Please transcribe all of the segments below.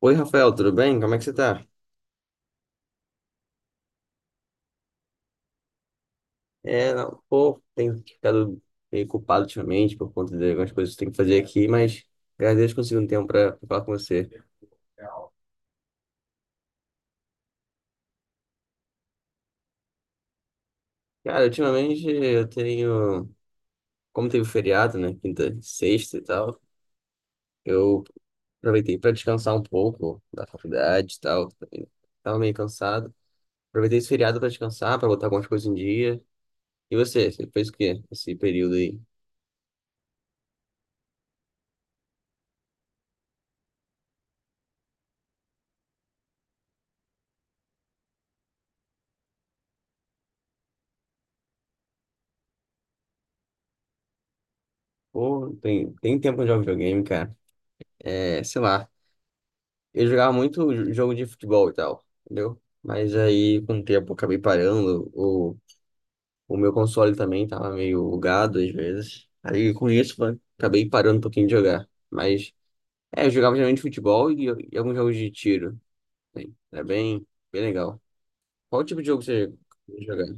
Oi, Rafael, tudo bem? Como é que você tá? Não, pô, tenho ficado meio culpado ultimamente por conta de algumas coisas que eu tenho que fazer aqui, mas graças a Deus consegui um tempo pra falar com você. Cara, ultimamente eu tenho, como teve feriado, né, quinta, sexta e tal, eu aproveitei pra descansar um pouco da faculdade e tal, também tava meio cansado. Aproveitei esse feriado pra descansar, pra botar algumas coisas em dia. E você, você fez o quê nesse período aí? Pô, tem tempo de jogar videogame, cara. É, sei lá. Eu jogava muito jogo de futebol e tal, entendeu? Mas aí, com o tempo, eu acabei parando. O meu console também tava meio bugado às vezes. Aí, com isso, acabei parando um pouquinho de jogar. Mas, é, eu jogava geralmente futebol e alguns jogos de tiro assim. Era bem, bem legal. Qual tipo de jogo você jogava?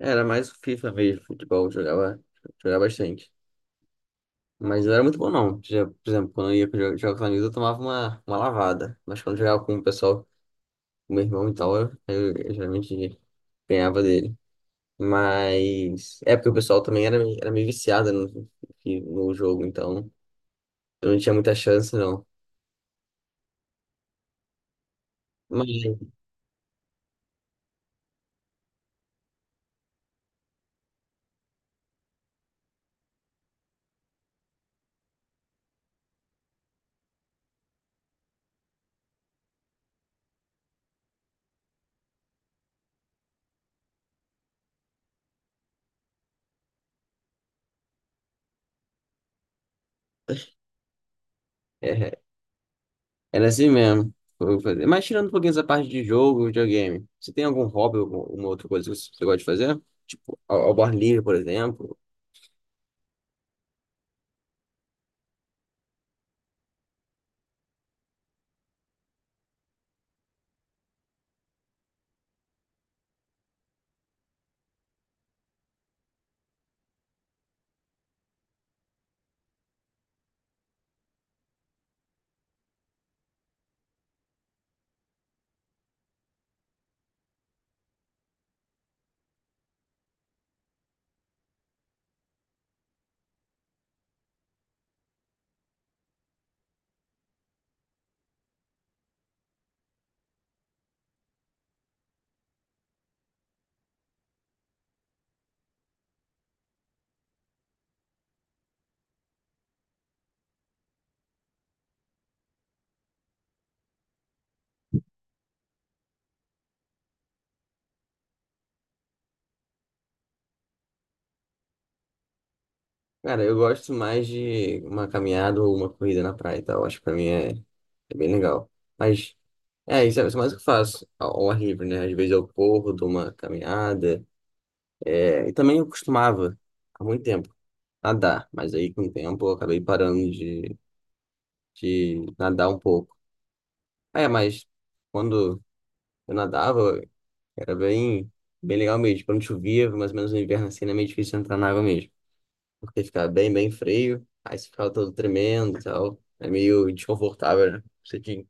Era mais FIFA mesmo, futebol. Eu jogava, jogava bastante. Mas não era muito bom, não. Já, por exemplo, quando eu ia jogar com os amigos, eu tomava uma lavada. Mas quando eu jogava com o pessoal, o meu irmão e tal, eu geralmente ganhava dele. Mas é porque o pessoal também era, era meio viciado no jogo, então eu não tinha muita chance, não. Mas é, era assim mesmo. Mas tirando um pouquinho essa parte de jogo, videogame, você tem algum hobby, ou alguma outra coisa que você gosta de fazer? Tipo, ao ar livre, por exemplo. Cara, eu gosto mais de uma caminhada ou uma corrida na praia e tal. Acho que pra mim é, é bem legal. Mas é, isso é mais o que eu faço ao ar livre, né? Às vezes eu corro, dou uma caminhada. É, e também eu costumava, há muito tempo, nadar. Mas aí, com o tempo, eu acabei de nadar um pouco. Ah, é, mas quando eu nadava, era bem, bem legal mesmo. Tipo, quando chovia, mais ou menos no inverno, assim, era meio difícil entrar na água mesmo. Porque ficava bem, bem frio. Aí você ficava todo tremendo e tal. É meio desconfortável, né?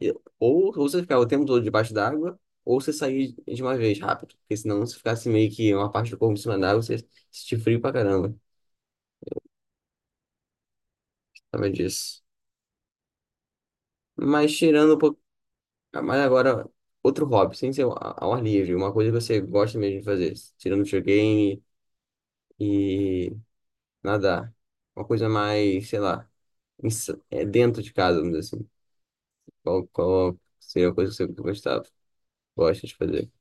E- ou você ficar o tempo todo debaixo d'água, ou você sair de uma vez rápido. Porque senão, se ficasse meio que uma parte do corpo em cima d'água, você sentir frio pra caramba. Sabe disso. Mas tirando um pouco. Mas agora, outro hobby, sem ser ao ar livre, uma coisa que você gosta mesmo de fazer. Tirando videogame e nadar. Uma coisa mais, sei lá, é dentro de casa, vamos dizer assim. Qual, qual seria a coisa que você gostava? Gosta de fazer?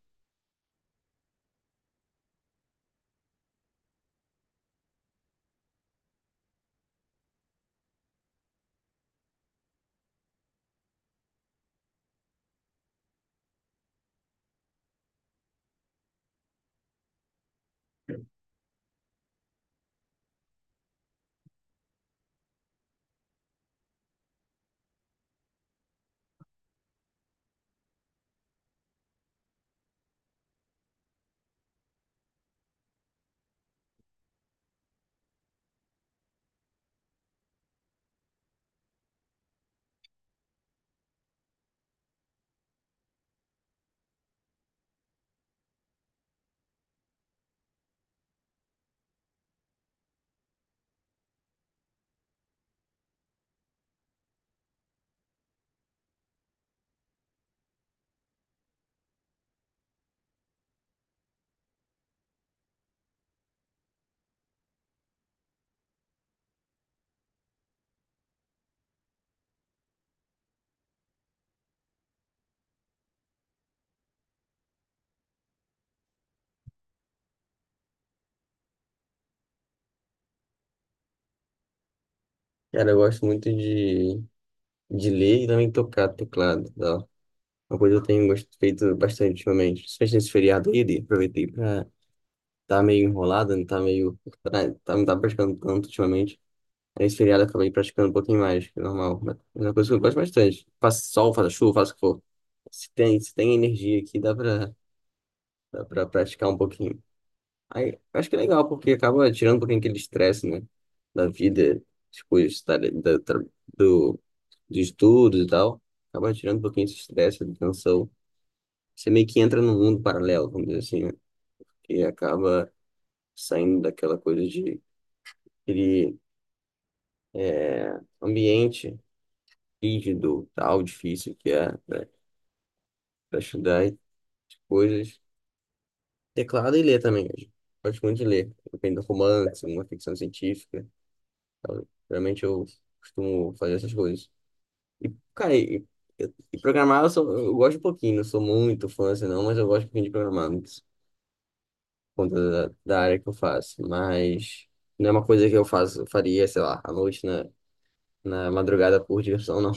Cara, eu gosto muito de ler e também tocar teclado. Uma coisa que eu tenho feito bastante ultimamente, principalmente nesse feriado aí, aproveitei pra, tá meio enrolado, não tá meio, tá, tá- não tá praticando tanto ultimamente. Aí, nesse feriado eu acabei praticando um pouquinho mais, que é normal. Mas é uma coisa que eu gosto bastante. Faça sol, faça chuva, faça o que for. Se tem energia aqui, dá pra praticar um pouquinho. Aí, eu acho que é legal, porque acaba tirando um pouquinho aquele estresse, né? Da vida, depois dos estudos e tal. Acaba tirando um pouquinho esse estresse, da tensão, você meio que entra num mundo paralelo, vamos dizer assim, né? E acaba saindo daquela coisa de aquele ambiente rígido, tal, difícil que é para estudar e coisas. Teclado e ler também, eu gosto muito de ler, depende do romance, uma ficção científica, tal. Geralmente eu costumo fazer essas coisas. Cara, e, e programar eu, eu gosto um pouquinho, não sou muito fã assim não, mas eu gosto um pouquinho de programar, por conta da área que eu faço, mas... Não é uma coisa que eu faço, eu faria, sei lá, à noite, né? Na madrugada por diversão, não.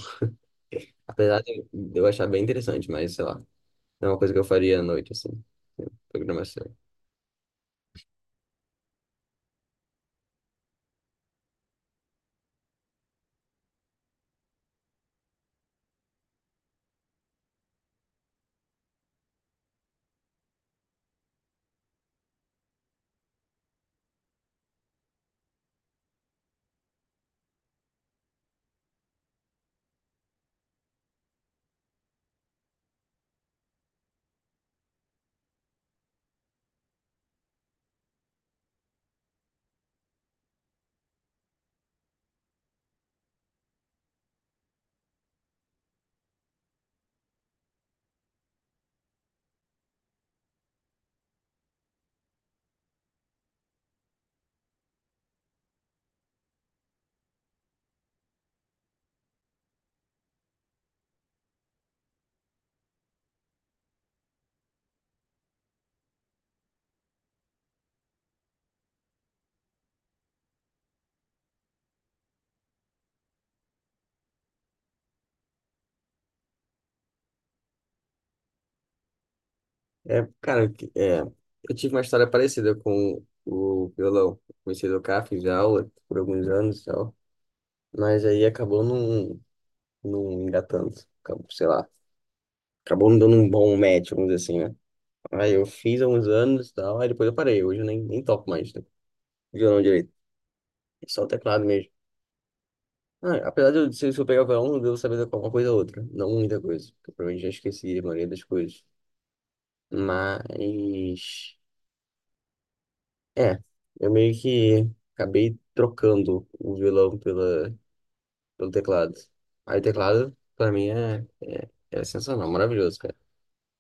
Apesar de eu achar bem interessante, mas sei lá, não é uma coisa que eu faria à noite, assim, né, programação. É, cara, é, eu tive uma história parecida com o violão. Comecei a tocar, fiz aula por alguns anos e tal, mas aí acabou não, não engatando, acabou, sei lá, acabou não dando um bom match, vamos dizer assim, né? Aí eu fiz há uns anos e tal, aí depois eu parei, hoje eu nem toco mais, né, violão direito, só o teclado mesmo. Ah, apesar de eu, se eu pegar o violão, eu devo saber de alguma coisa ou outra. Não muita coisa. Porque eu provavelmente já esqueci a maioria das coisas. Mas. É. Eu meio que acabei trocando o violão pelo teclado. Aí o teclado, pra mim, é sensacional, maravilhoso, cara.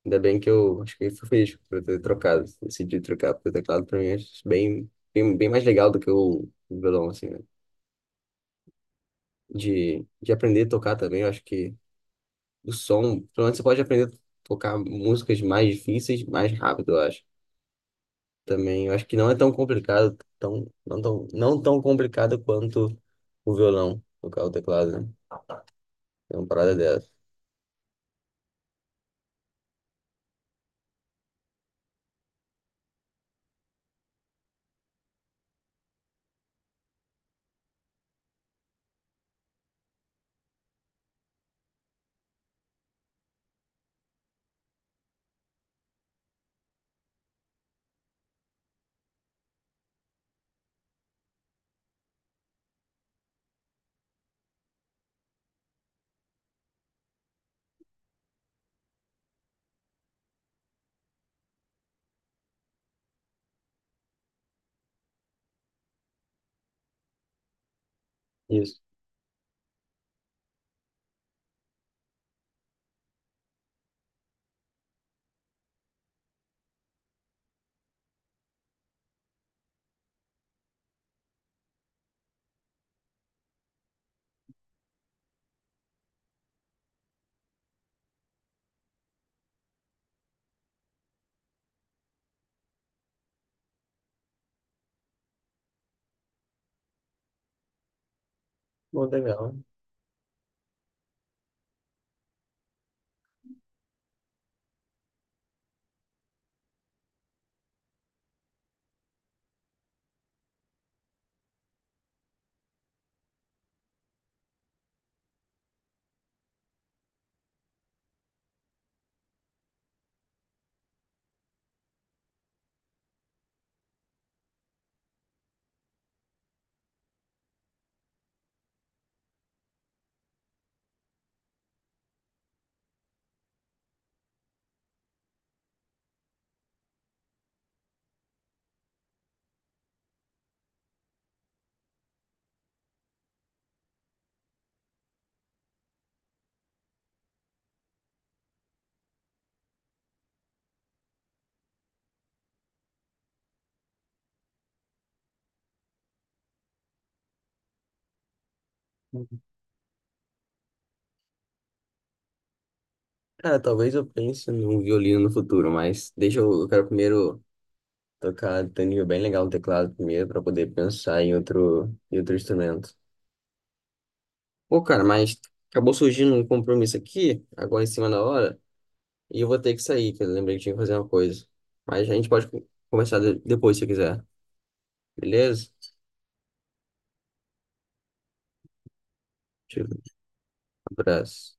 Ainda bem que eu acho que eu fui feliz por eu ter trocado. Decidi trocar, porque o teclado, pra mim, é bem, bem, bem mais legal do que o violão, assim, né? De aprender a tocar também, eu acho que. O som, pelo menos você pode aprender a tocar músicas mais difíceis mais rápido, eu acho. Também, eu acho que não é tão complicado, não tão complicado quanto o violão, tocar o teclado, né? É uma parada dessa. Isso. Bom, legal. Cara, talvez eu pense num violino no futuro, mas deixa eu quero primeiro tocar tem um nível bem legal no teclado primeiro para poder pensar em outro instrumento. Pô, cara, mas acabou surgindo um compromisso aqui, agora em cima da hora. E eu vou ter que sair, que eu lembrei que tinha que fazer uma coisa. Mas a gente pode conversar depois se quiser. Beleza? Um abraço.